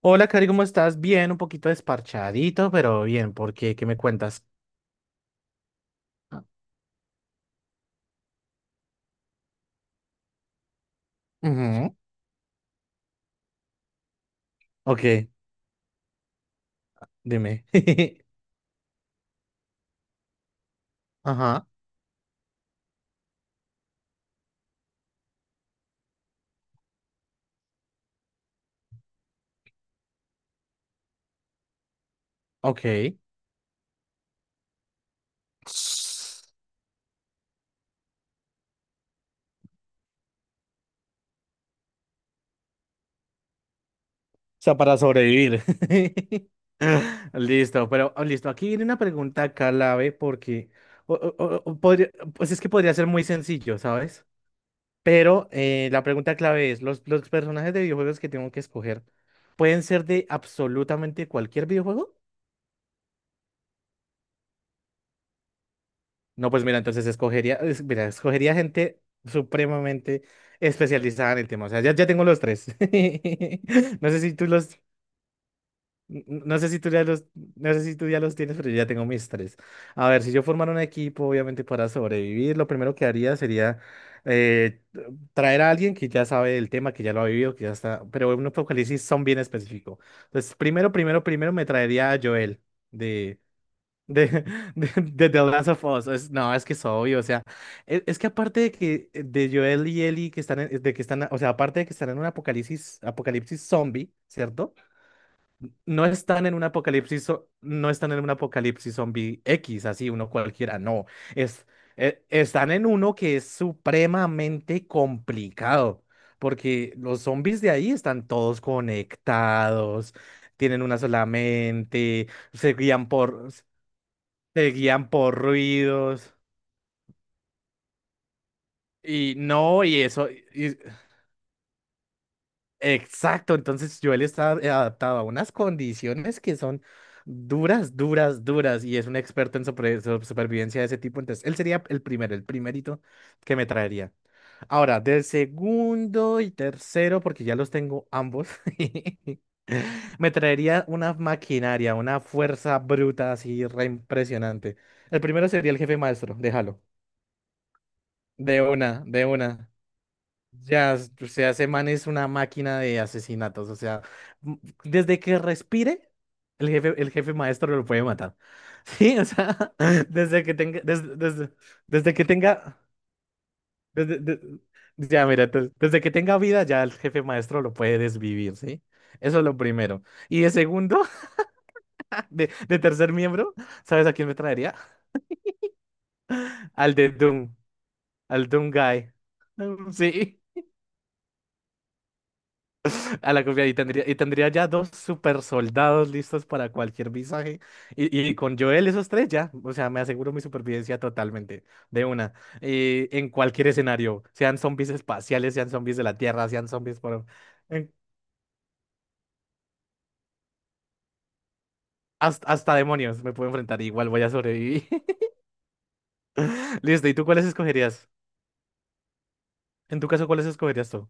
Hola, Cari, ¿cómo estás? Bien, un poquito desparchadito, pero bien, ¿por qué? ¿Qué me cuentas? Ah, ujú, ok, dime. Ajá, ok. O sea, para sobrevivir. Listo, pero listo, aquí viene una pregunta clave porque pues es que podría ser muy sencillo, ¿sabes? Pero la pregunta clave es, los personajes de videojuegos que tengo que escoger pueden ser de absolutamente cualquier videojuego? No, pues mira, entonces escogería, mira, escogería gente supremamente especializada en el tema. O sea, ya tengo los tres. No sé si tú los, no sé si tú ya los no sé si tú ya los tienes, pero yo ya tengo mis tres. A ver, si yo formara un equipo, obviamente para sobrevivir, lo primero que haría sería eh, traer a alguien que ya sabe el tema, que ya lo ha vivido, que ya está, pero en un apocalipsis son bien específico. Entonces, primero, primero, primero me traería a Joel de, de The Last of Us. No, es que es obvio. O sea, es, que aparte de que de Joel y Ellie que de que están, o sea, aparte de que están en un apocalipsis, apocalipsis zombie, ¿cierto? No están en un apocalipsis, no están en un apocalipsis zombie X, así uno cualquiera. No. Es, Están en uno que es supremamente complicado. Porque los zombies de ahí están todos conectados, tienen una sola mente, se guían por. Se guían por ruidos y no, y eso, y- exacto, entonces Joel está adaptado a unas condiciones que son duras, duras, duras, y es un experto en supervivencia de ese tipo, entonces él sería el primero, el primerito que me traería. Ahora, del segundo y tercero, porque ya los tengo ambos, me traería una maquinaria, una fuerza bruta así re impresionante. El primero sería el jefe maestro, déjalo, de una, de una. Ya, o sea, ese man es una máquina de asesinatos. O sea, m- desde que respire, el jefe maestro lo puede matar. Sí, o sea, desde que tenga, desde que tenga, desde, de- ya, mira, entonces, desde que tenga vida, ya el jefe maestro lo puede desvivir, ¿sí? Eso es lo primero. Y de segundo, de tercer miembro, ¿sabes a quién me traería? Al de Doom, al Doom Guy. Sí. A la copia y tendría ya dos super soldados listos para cualquier visaje. Y con Joel esos tres ya, o sea, me aseguro mi supervivencia totalmente, de una. Y en cualquier escenario, sean zombies espaciales, sean zombies de la Tierra, sean zombies por... en- hasta, hasta demonios me puedo enfrentar, igual voy a sobrevivir. Listo, ¿y tú cuáles escogerías? En tu caso, ¿cuáles escogerías tú?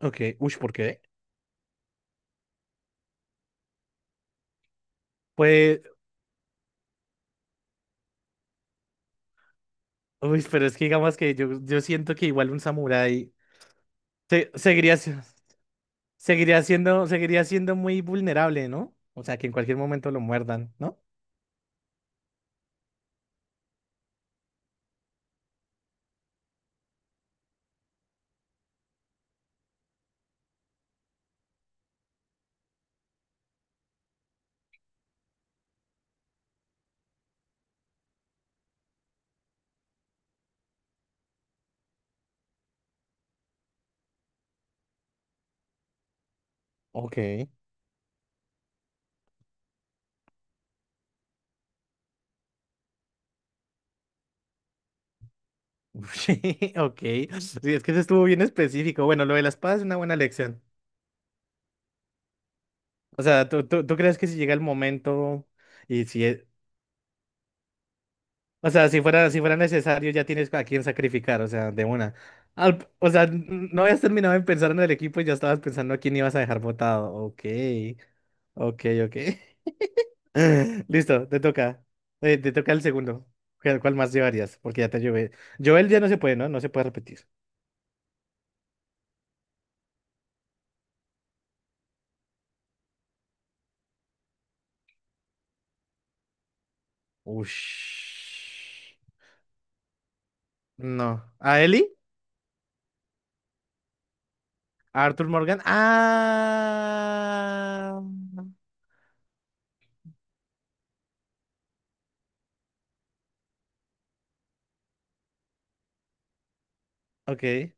Ok, uy, ¿por qué? Pues, uy, pero es que digamos que yo siento que igual un samurái seguiría, seguiría siendo, seguiría siendo muy vulnerable, ¿no? O sea, que en cualquier momento lo muerdan, ¿no? Ok. Sí, ok. Sí, es que eso estuvo bien específico. Bueno, lo de la espada es una buena lección. O sea, tú crees que si llega el momento y si es- o sea, si fuera, si fuera necesario, ya tienes a quién sacrificar, o sea, de una. O sea, no habías terminado de pensar en el equipo y ya estabas pensando a quién ibas a dejar votado. Ok, ok, ok. Listo, te toca. Te toca el segundo. Cuál más llevarías? Porque ya te llevé. Joel ya no se puede, ¿no? No se puede repetir. Ush. No. ¿A Ellie? ¿A Arthur Morgan? Ah. Ok.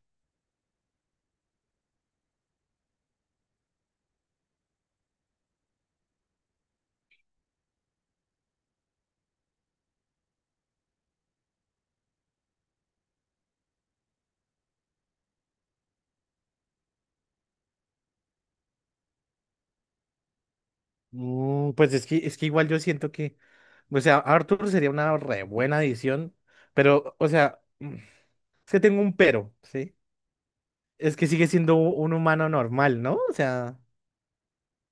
Mm, pues es que igual yo siento que. O sea, Arthur sería una re buena edición. Pero, o sea, mm, es que tengo un pero, ¿sí? Es que sigue siendo un humano normal, ¿no? O sea.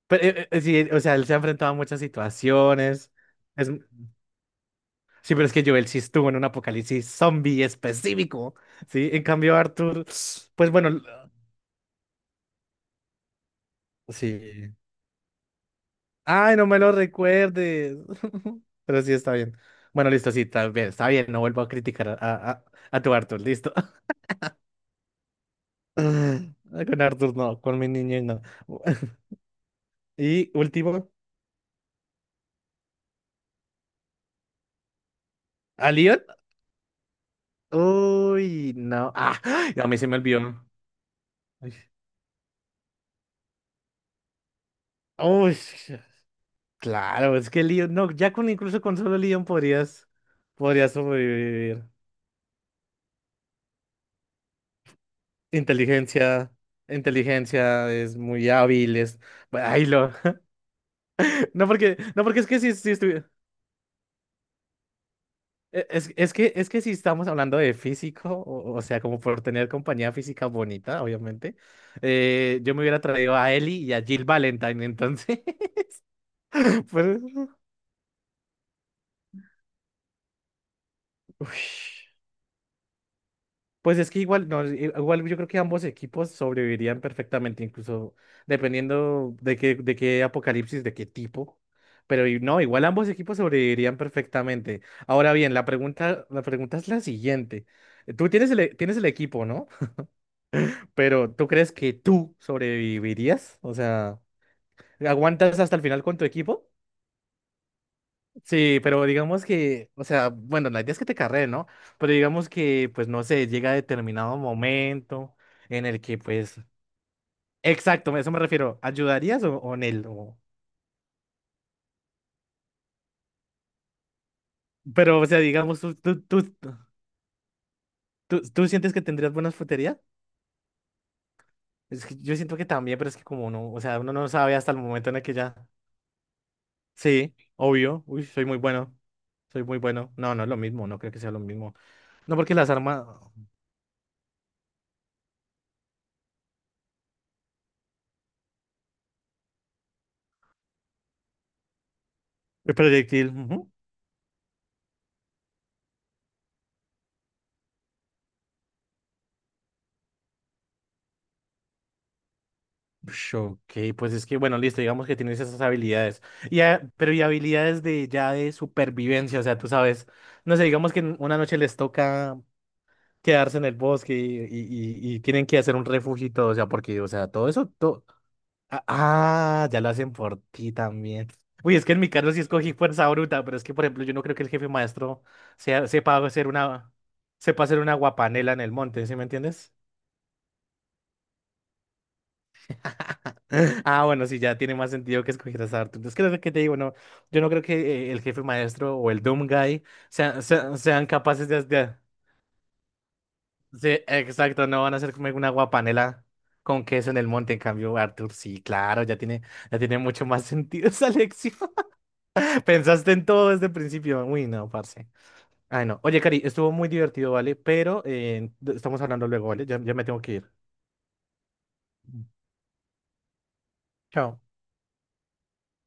Pero, sí, o sea, él se ha enfrentado a muchas situaciones. Es, sí, pero es que Joel sí estuvo en un apocalipsis zombie específico, ¿sí? En cambio, Arthur, pues bueno, sí. Ay, no me lo recuerdes. Pero sí, está bien. Bueno, listo, sí, está bien, está bien. No vuelvo a criticar a tu Arthur, listo. Con Arthur no, con mi niño no. Y último, ¿a Leon? Uy, no. Ah, a mí se me olvidó. Uy. Uy. Claro, es que el Leon, no, ya con incluso con solo Leon podrías sobrevivir. Inteligencia, inteligencia es muy hábil, es, ay, lo, no porque, no porque es que si, es que si estamos hablando de físico, o sea, como por tener compañía física bonita, obviamente, yo me hubiera traído a Ellie y a Jill Valentine, entonces, pues, uy. Pues es que igual, no, igual yo creo que ambos equipos sobrevivirían perfectamente, incluso dependiendo de de qué apocalipsis, de qué tipo. Pero no, igual ambos equipos sobrevivirían perfectamente. Ahora bien, la pregunta es la siguiente. Tú tienes tienes el equipo, ¿no? Pero ¿tú crees que tú sobrevivirías? O sea, ¿aguantas hasta el final con tu equipo? Sí, pero digamos que, o sea, bueno, la idea es que te carreen, ¿no? Pero digamos que, pues no sé, llega determinado momento en el que pues exacto, a eso me refiero. ¿Ayudarías o en él? Pero, o sea, digamos, tú, tú sientes que tendrías buena fruterías? Es que yo siento que también, pero es que como no, o sea, uno no sabe hasta el momento en el que ya. Sí, obvio. Uy, soy muy bueno. Soy muy bueno. No, no es lo mismo, no creo que sea lo mismo. No, porque las armas. El proyectil. Ujú. Ush, ok, pues es que, bueno, listo, digamos que tienes esas habilidades. Ah, pero y habilidades de ya de supervivencia, o sea, tú sabes. No sé, digamos que en una noche les toca. Quedarse en el bosque y tienen que hacer un refugio y todo, o sea, porque, o sea, todo eso, todo... Ah, ah, ya lo hacen por ti también. Uy, es que en mi caso sí escogí fuerza bruta, pero es que, por ejemplo, yo no creo que el jefe maestro sepa hacer sepa hacer una guapanela en el monte, ¿sí me entiendes? Ah, bueno, sí, ya tiene más sentido que escoger esa arte. Es que es lo que te digo. No, yo no creo que el jefe maestro o el Doom Guy sean capaces de hacer. Sí, exacto, no van a hacer como una guapanela con queso en el monte. En cambio, Arthur, sí, claro, ya tiene mucho más sentido esa lección. Pensaste en todo desde el principio. Uy, no, parce. Ay, no. Oye, Cari, estuvo muy divertido, ¿vale? Pero estamos hablando luego, ¿vale? Ya, ya me tengo que ir. Chao.